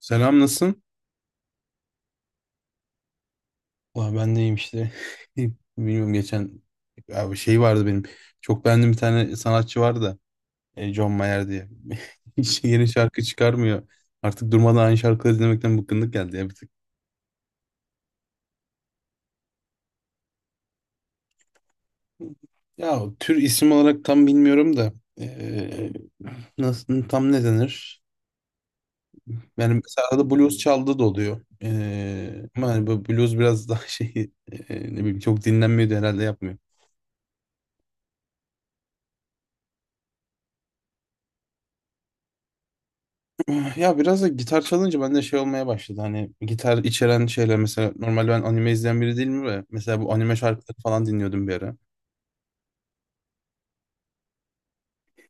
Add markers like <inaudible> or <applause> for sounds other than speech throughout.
Selam, nasılsın? Valla ben de iyiyim işte. <laughs> Bilmiyorum, geçen abi şey vardı benim. Çok beğendiğim bir tane sanatçı vardı da, John Mayer diye. <laughs> Hiç yeni şarkı çıkarmıyor. Artık durmadan aynı şarkıları dinlemekten bıkkınlık geldi ya bir tık. Ya tür isim olarak tam bilmiyorum da. e, Nasıl tam ne denir? Yani mesela arada blues çaldığı da oluyor. E, ama hani bu blues biraz daha <laughs> şey ne bileyim çok dinlenmiyordu herhalde. Ya biraz da gitar çalınca bende şey olmaya başladı. Hani gitar içeren şeyler, mesela normal ben anime izleyen biri değilim ve mesela bu anime şarkıları falan dinliyordum bir ara. <laughs>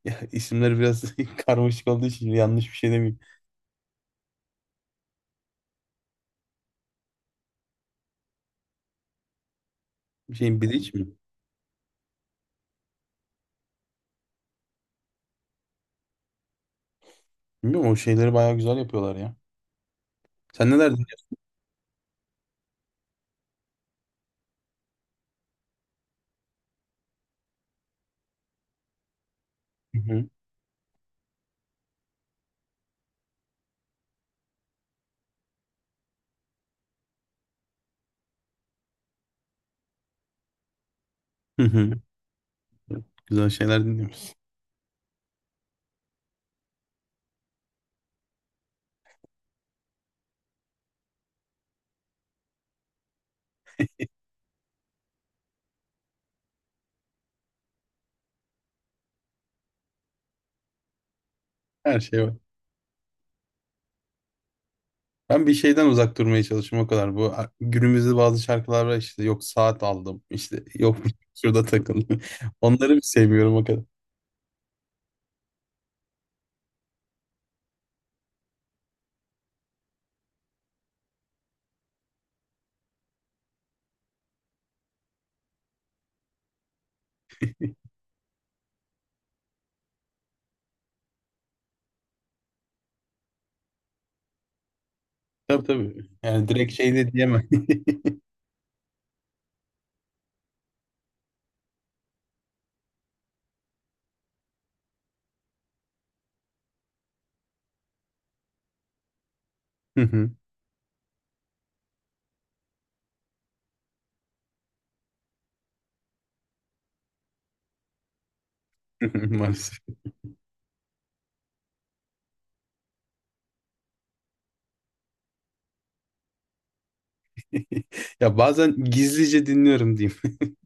Ya isimleri biraz <laughs> karmaşık olduğu için yanlış bir şey demeyeyim. Bir şeyin Bleach mi? Bilmiyorum, o şeyleri bayağı güzel yapıyorlar ya. Sen neler dinliyorsun? Hı hı. Hı hı. Güzel şeyler dinliyorsun. Her şey var. Ben bir şeyden uzak durmaya çalışıyorum o kadar. Bu günümüzde bazı şarkılar var, işte yok saat aldım, işte yok <laughs> şurada takıldım. <laughs> Onları sevmiyorum o kadar. Tabii tabii. Yani direkt şey de diyemem. <laughs> Hı hı. <laughs> Maalesef. <laughs> Ya bazen gizlice dinliyorum diyeyim. <laughs>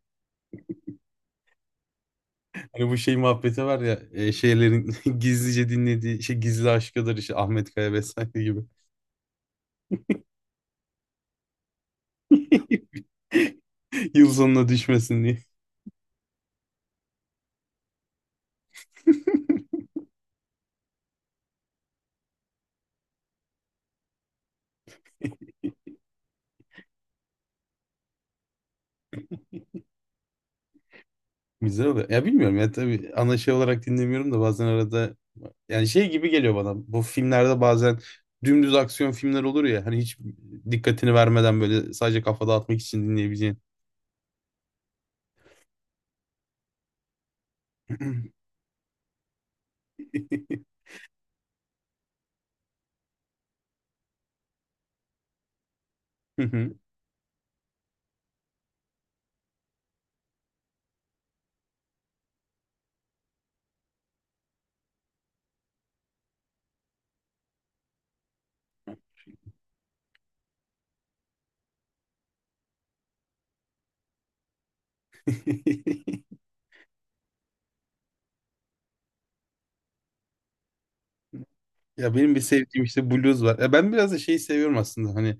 Hani bu şey muhabbeti var ya şeylerin <laughs> gizlice dinlediği şey gizli aşkıdır, işte Ahmet Kaya vesaire gibi. <laughs> Yıl sonuna düşmesin diye. Güzel oluyor. Ya bilmiyorum ya, tabii ana şey olarak dinlemiyorum da bazen arada yani şey gibi geliyor bana. Bu filmlerde bazen dümdüz aksiyon filmler olur ya hani, hiç dikkatini vermeden böyle sadece kafa dağıtmak için dinleyebileceğin. <laughs> Hı hı. <laughs> Ya benim bir sevdiğim işte blues var. Ya ben biraz da şeyi seviyorum aslında hani,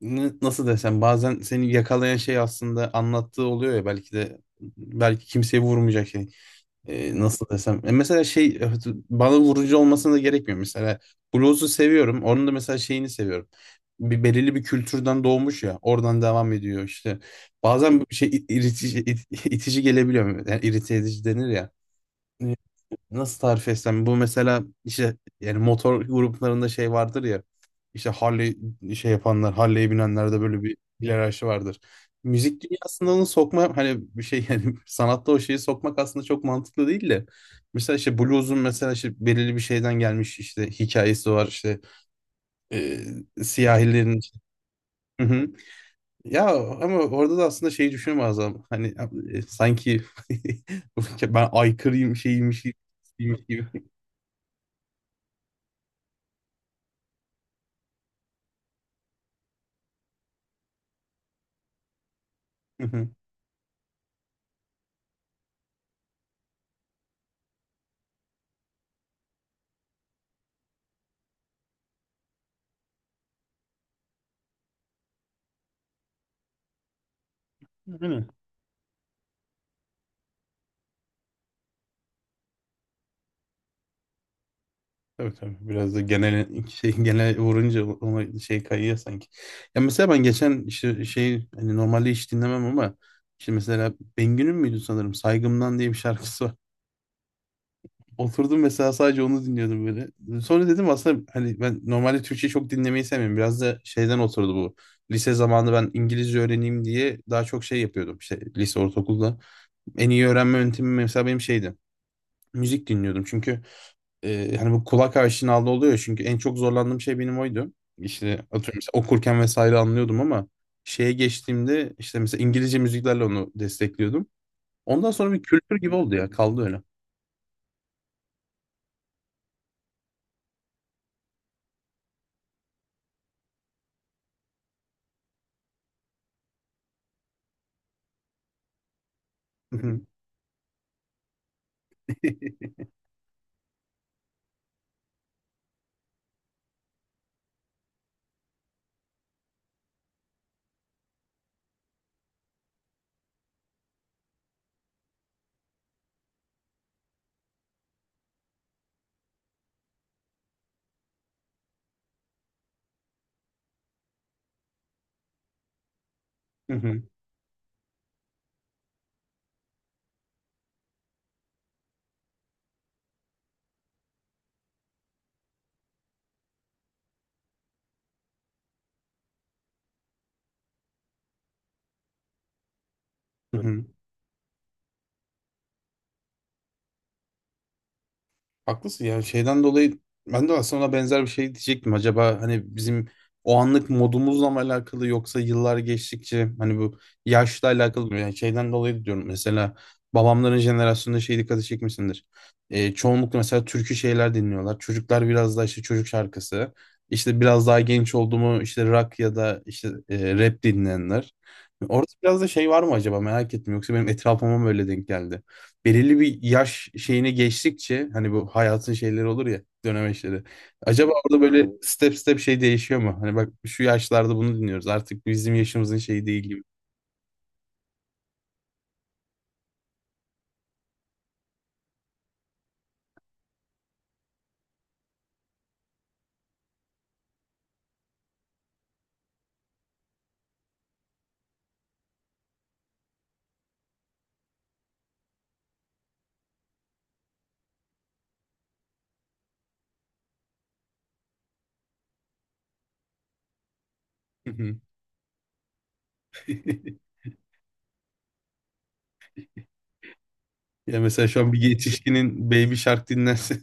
nasıl desem, bazen seni yakalayan şey aslında anlattığı oluyor ya, belki de belki kimseye vurmayacak şey. Nasıl desem. E mesela şey evet, bana vurucu olmasına da gerekmiyor. Mesela blues'u seviyorum. Onun da mesela şeyini seviyorum. Bir belirli bir kültürden doğmuş ya, oradan devam ediyor işte. Bazen bir şey itici, itici gelebiliyor. Yani irite edici denir ya. Nasıl tarif etsem, bu mesela işte yani motor gruplarında şey vardır ya, işte Harley şey yapanlar, Harley'e binenlerde böyle bir hiyerarşi vardır. Müzik dünyasında onu sokma hani bir şey yani <laughs> sanatta o şeyi sokmak aslında çok mantıklı değil de, mesela işte blues'un mesela işte belirli bir şeyden gelmiş, işte hikayesi var, işte e, siyahilerin. Hı hı. Ya ama orada da aslında şeyi düşünüyorum Azam. Hani sanki <laughs> ben aykırıyım şeyiymiş gibi. Şeymiş gibi. Hı hı. Aynen. Tabii tabii. Biraz da genel <laughs> şey, genel vurunca ona şey kayıyor sanki. Ya mesela ben geçen işte şey, hani normalde hiç dinlemem ama, işte mesela Bengü'nün müydü sanırım, Saygımdan diye bir şarkısı var. <laughs> Oturdum mesela, sadece onu dinliyordum böyle. Sonra dedim aslında hani ben normalde Türkçe çok dinlemeyi sevmiyorum. Biraz da şeyden oturdu bu. Lise zamanında ben İngilizce öğreneyim diye daha çok şey yapıyordum. İşte lise, ortaokulda. En iyi öğrenme yöntemim mesela benim şeydi. Müzik dinliyordum. Çünkü hani bu kulak aşinalığı oluyor, çünkü en çok zorlandığım şey benim oydu. İşte atıyorum mesela okurken vesaire anlıyordum ama şeye geçtiğimde, işte mesela İngilizce müziklerle onu destekliyordum. Ondan sonra bir kültür gibi oldu ya, kaldı öyle. <laughs> Haklısın ya, şeyden dolayı ben de aslında ona benzer bir şey diyecektim. Acaba hani bizim o anlık modumuzla mı alakalı, yoksa yıllar geçtikçe hani bu yaşla alakalı mı? Yani şeyden dolayı diyorum, mesela babamların jenerasyonunda şey dikkati çekmişsindir. Çoğunlukla mesela türkü şeyler dinliyorlar. Çocuklar biraz daha işte çocuk şarkısı. İşte biraz daha genç oldu mu, işte rock ya da işte rap dinleyenler. Orada biraz da şey var mı acaba, merak ettim, yoksa benim etrafıma mı öyle denk geldi? Belirli bir yaş şeyine geçtikçe hani bu hayatın şeyleri olur ya, dönemeçleri. Acaba orada böyle step step şey değişiyor mu? Hani bak şu yaşlarda bunu dinliyoruz, artık bizim yaşımızın şeyi değil gibi. <laughs> Ya mesela şu an bir yetişkinin Baby Shark dinlerse.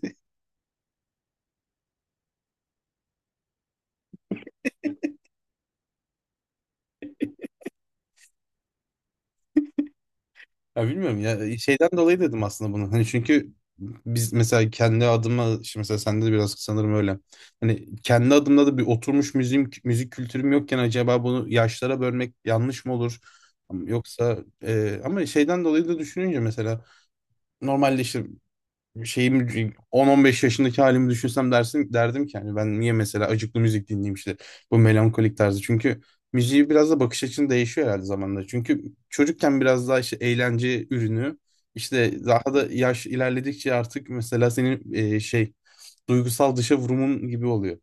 Ya bilmiyorum ya, şeyden dolayı dedim aslında bunu. Hani çünkü biz mesela kendi adıma, şimdi mesela sende de biraz sanırım öyle. Hani kendi adımda da bir oturmuş müzik, müzik kültürüm yokken acaba bunu yaşlara bölmek yanlış mı olur? Yoksa ama şeyden dolayı da düşününce, mesela normalde işte şeyim 10-15 yaşındaki halimi düşünsem dersin, derdim ki hani ben niye mesela acıklı müzik dinleyeyim, işte bu melankolik tarzı. Çünkü müziği biraz da bakış açın değişiyor herhalde zamanla. Çünkü çocukken biraz daha işte eğlence ürünü, işte daha da yaş ilerledikçe artık mesela senin şey duygusal dışa vurumun gibi oluyor.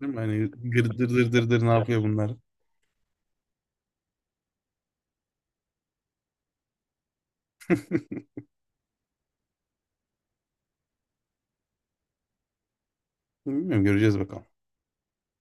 Değil mi? Hani gır dır dır dır dır ne yapıyor bunlar? <laughs> Bilmiyorum, göreceğiz bakalım.